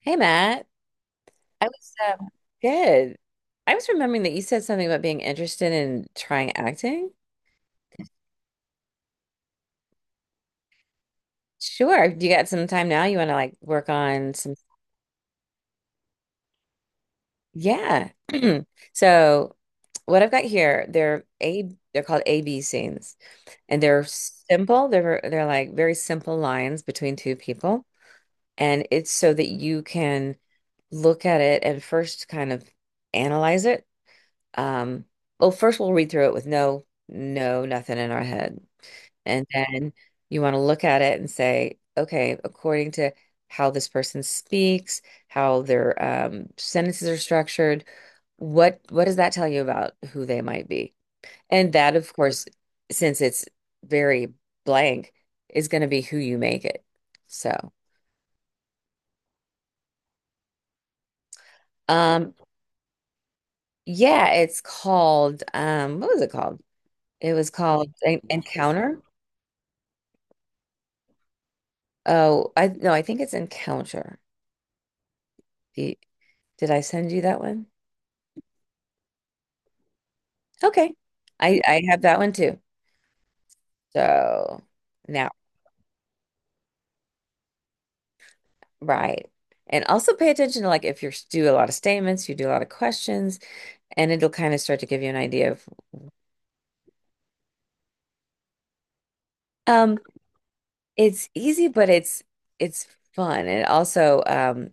Hey Matt, I was um, good. I was remembering that you said something about being interested in trying acting. Sure, you got some time now? You want to like work on some? Yeah. So, what I've got here, they're A, they're called AB scenes, and they're simple. They're like very simple lines between two people, and it's so that you can look at it and first kind of analyze it. Um, well, first we'll read through it with no, no, nothing in our head. And then you want to look at it and say, okay, according to how this person speaks, how their sentences are structured, what does that tell you about who they might be? And that, of course, since it's very blank, is going to be who you make it. So, um, yeah, it's called what was it called? It was called Encounter. Oh, I, no, I think it's Encounter. The, did I send you that one? Okay. I have that one too. So now, right. And also pay attention to like if you do a lot of statements, you do a lot of questions, and it'll kind of start to give you an idea of um it's easy, but it's fun. And also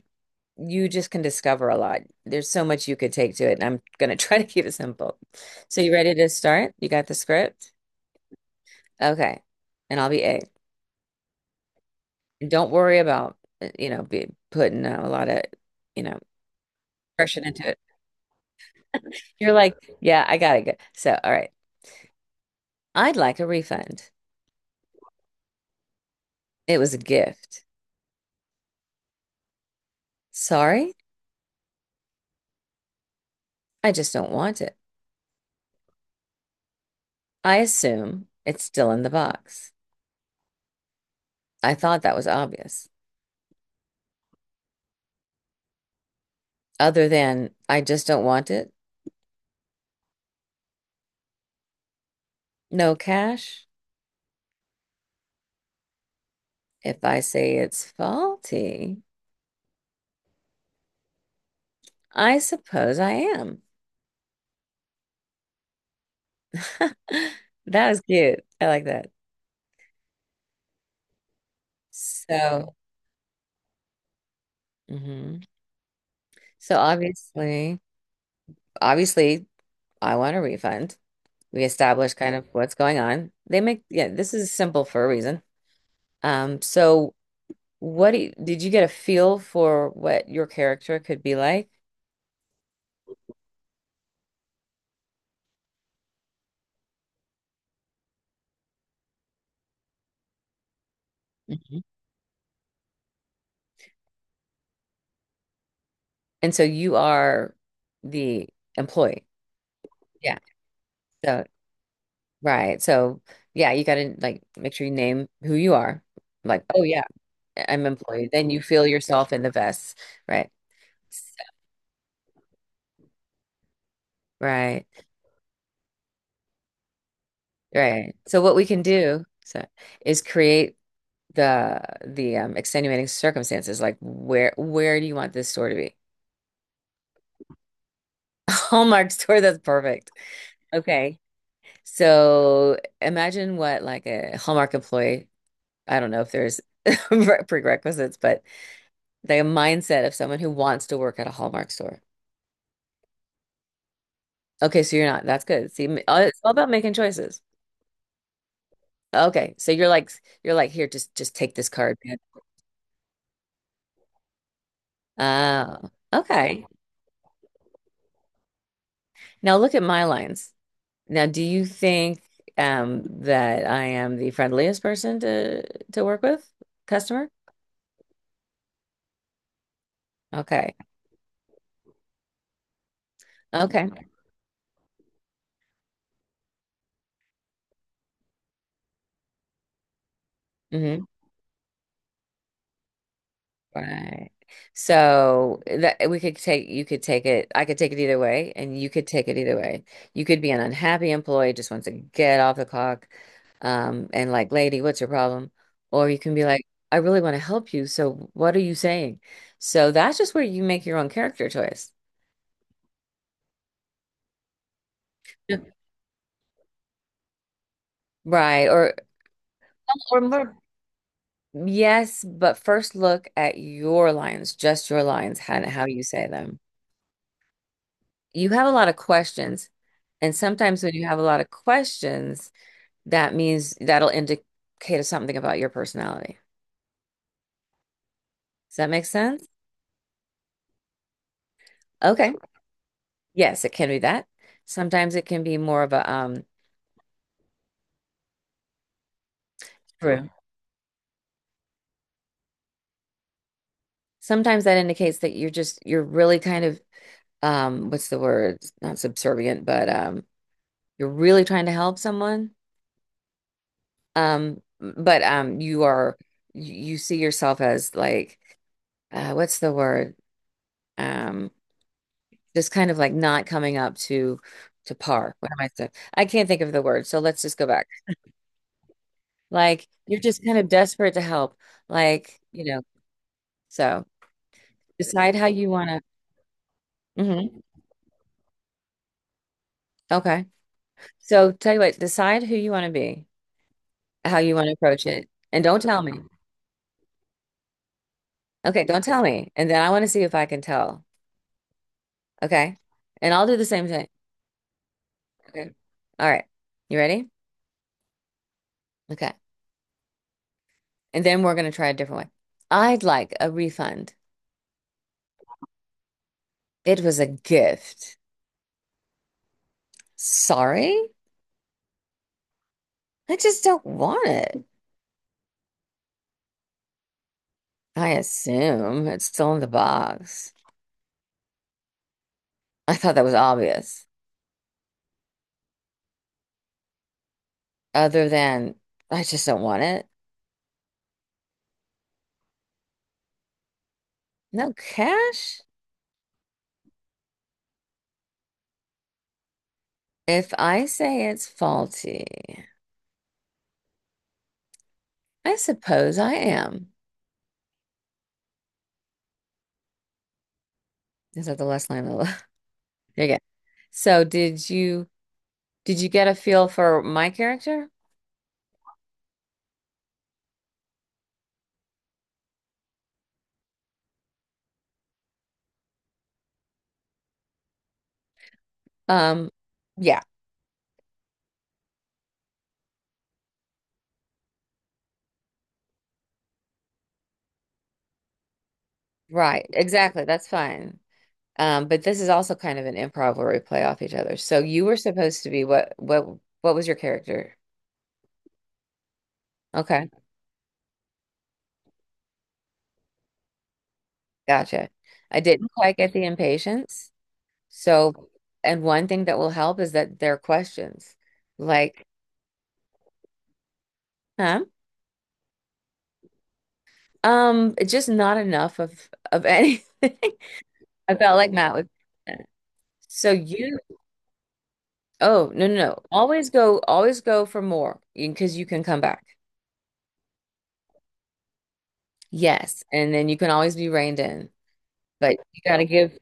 you just can discover a lot. There's so much you could take to it, and I'm gonna try to keep it simple. So you ready to start? You got the script? Okay. And I'll be A. Don't worry about you know, be putting a lot of, you know, impression into it. You're like, yeah, I gotta go. So, all right, I'd like a refund. It was a gift. Sorry, I just don't want it. I assume it's still in the box. I thought that was obvious. Other than, I just don't want it. No cash. If I say it's faulty, I suppose I am. That was cute. I like that. So, mhm. So obviously, I want a refund. We establish kind of what's going on. They make, yeah, this is simple for a reason. So what do did you get a feel for what your character could be like? Mhm. And so you are the employee. Yeah. So, right. So, yeah, you got to like make sure you name who you are. Like, oh yeah, I'm employee. Then you feel yourself in the vest. Right. Right. Right. So what we can do is create the extenuating circumstances like where do you want this store to be. Hallmark store, that's perfect. Okay, so imagine what like a Hallmark employee, I don't know if there's prerequisites, but the mindset of someone who wants to work at a Hallmark store. Okay, so you're not, that's good, see it's all about making choices. Okay, so you're like, you're like here, just take this card, man. Oh, okay. Now look at my lines. Now, do you think that I am the friendliest person to work with? Customer? Okay. Okay. Mm-hmm. Right. So that we could take, you could take it, I could take it either way, and you could take it either way. You could be an unhappy employee, just wants to get off the clock, and like, "Lady, what's your problem?" Or you can be like, "I really want to help you, so what are you saying?" So that's just where you make your own character choice. Yeah. Right. Or more. Yes, but first look at your lines, just your lines, and how you say them. You have a lot of questions, and sometimes when you have a lot of questions, that means that'll indicate something about your personality. Does that make sense? Okay. Yes, it can be that. Sometimes it can be more of a true. Sometimes that indicates that you're just, you're really kind of what's the word? Not subservient, but you're really trying to help someone. But you are, you see yourself as like what's the word? Um, just kind of like not coming up to par. What am I saying? I can't think of the word, so let's just go back. Like you're just kind of desperate to help. Like, you know, so decide how you want to. Hmm. Okay. So tell you what, decide who you want to be, how you want to approach it, and don't tell me. Okay, don't tell me, and then I want to see if I can tell. Okay, and I'll do the same thing. Okay. All right. You ready? Okay. And then we're going to try a different way. I'd like a refund. It was a gift. Sorry? I just don't want it. I assume it's still in the box. I thought that was obvious. Other than, I just don't want it. No cash? If I say it's faulty, I suppose I am. Is that the last line of the Okay. So did you, did you get a feel for my character? Um, yeah. Right, exactly. That's fine. But this is also kind of an improv where we play off each other. So you were supposed to be, what what was your character? Okay, gotcha. I didn't quite get the impatience. So, and one thing that will help is that there are questions. Like, huh? It's just not enough of anything. I felt like Matt was So you, oh, no, no, no. Always go for more, because you 'cause you can come back. Yes. And then you can always be reined in. But you gotta give,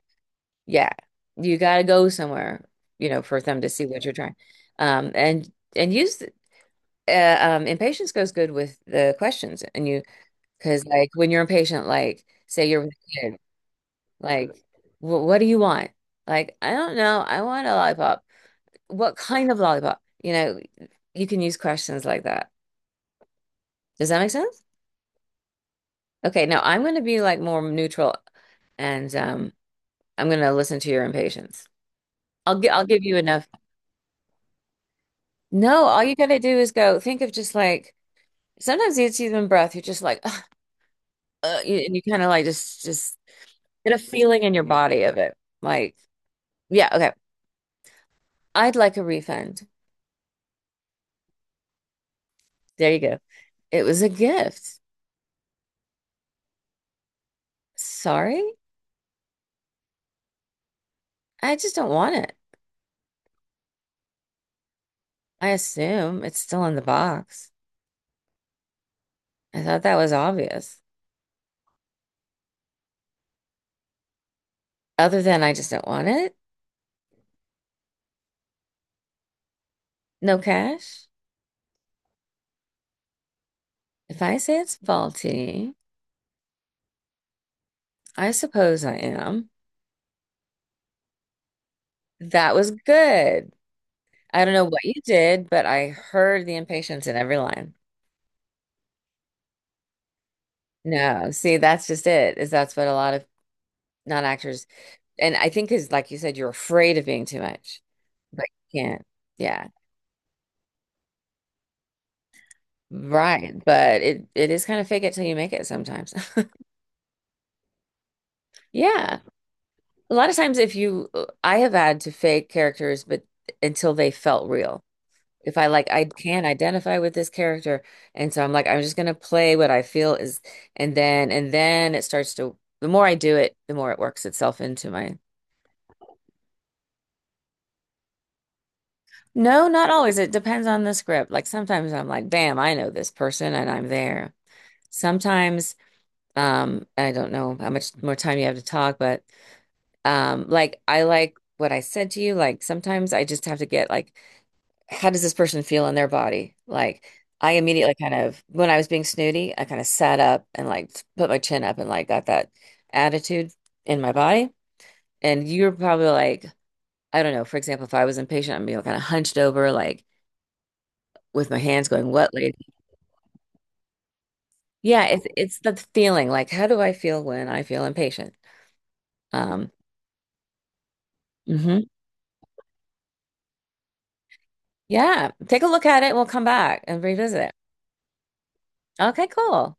yeah, you gotta go somewhere, you know, for them to see what you're trying. Um, and and use impatience goes good with the questions, and you, because like when you're impatient, like say you're with a kid, like, what do you want? Like I don't know, I want a lollipop. What kind of lollipop?" You know, you can use questions like that. Does that make sense? Okay, now I'm gonna be like more neutral, and I'm gonna listen to your impatience. I'll give you enough. No, all you gotta do is go think of just like, sometimes it's even breath. You're just like, "Ugh, you- and you kind of like just get a feeling in your body of it. Like, yeah, okay. I'd like a refund. There you go. It was a gift. Sorry, I just don't want it. I assume it's still in the box. I thought that was obvious. Other than I just don't want it. No cash. If I say it's faulty, I suppose I am. That was good. I don't know what you did, but I heard the impatience in every line. No, see, that's just it, is that's what a lot of non-actors, and I think is like you said, you're afraid of being too much, but you can't. Yeah, right. But it is kind of fake it till you make it sometimes. Yeah. A lot of times if you I have had to fake characters, but until they felt real. If I, like, I can identify with this character, and so I'm like I'm just gonna play what I feel is, and then it starts to, the more I do it the more it works itself into my, no not always, it depends on the script, like sometimes I'm like, bam, I know this person and I'm there, sometimes I don't know how much more time you have to talk, but like I like what I said to you, like sometimes I just have to get like, how does this person feel in their body? Like, I immediately kind of, when I was being snooty, I kind of sat up and like put my chin up and like got that attitude in my body. And you're probably like, I don't know. For example, if I was impatient, I'm, you know, kind of hunched over, like with my hands going, what, lady? Yeah, it's the feeling. Like, how do I feel when I feel impatient? Um, mhm. Yeah. Take a look at it. We'll come back and revisit it. Okay, cool.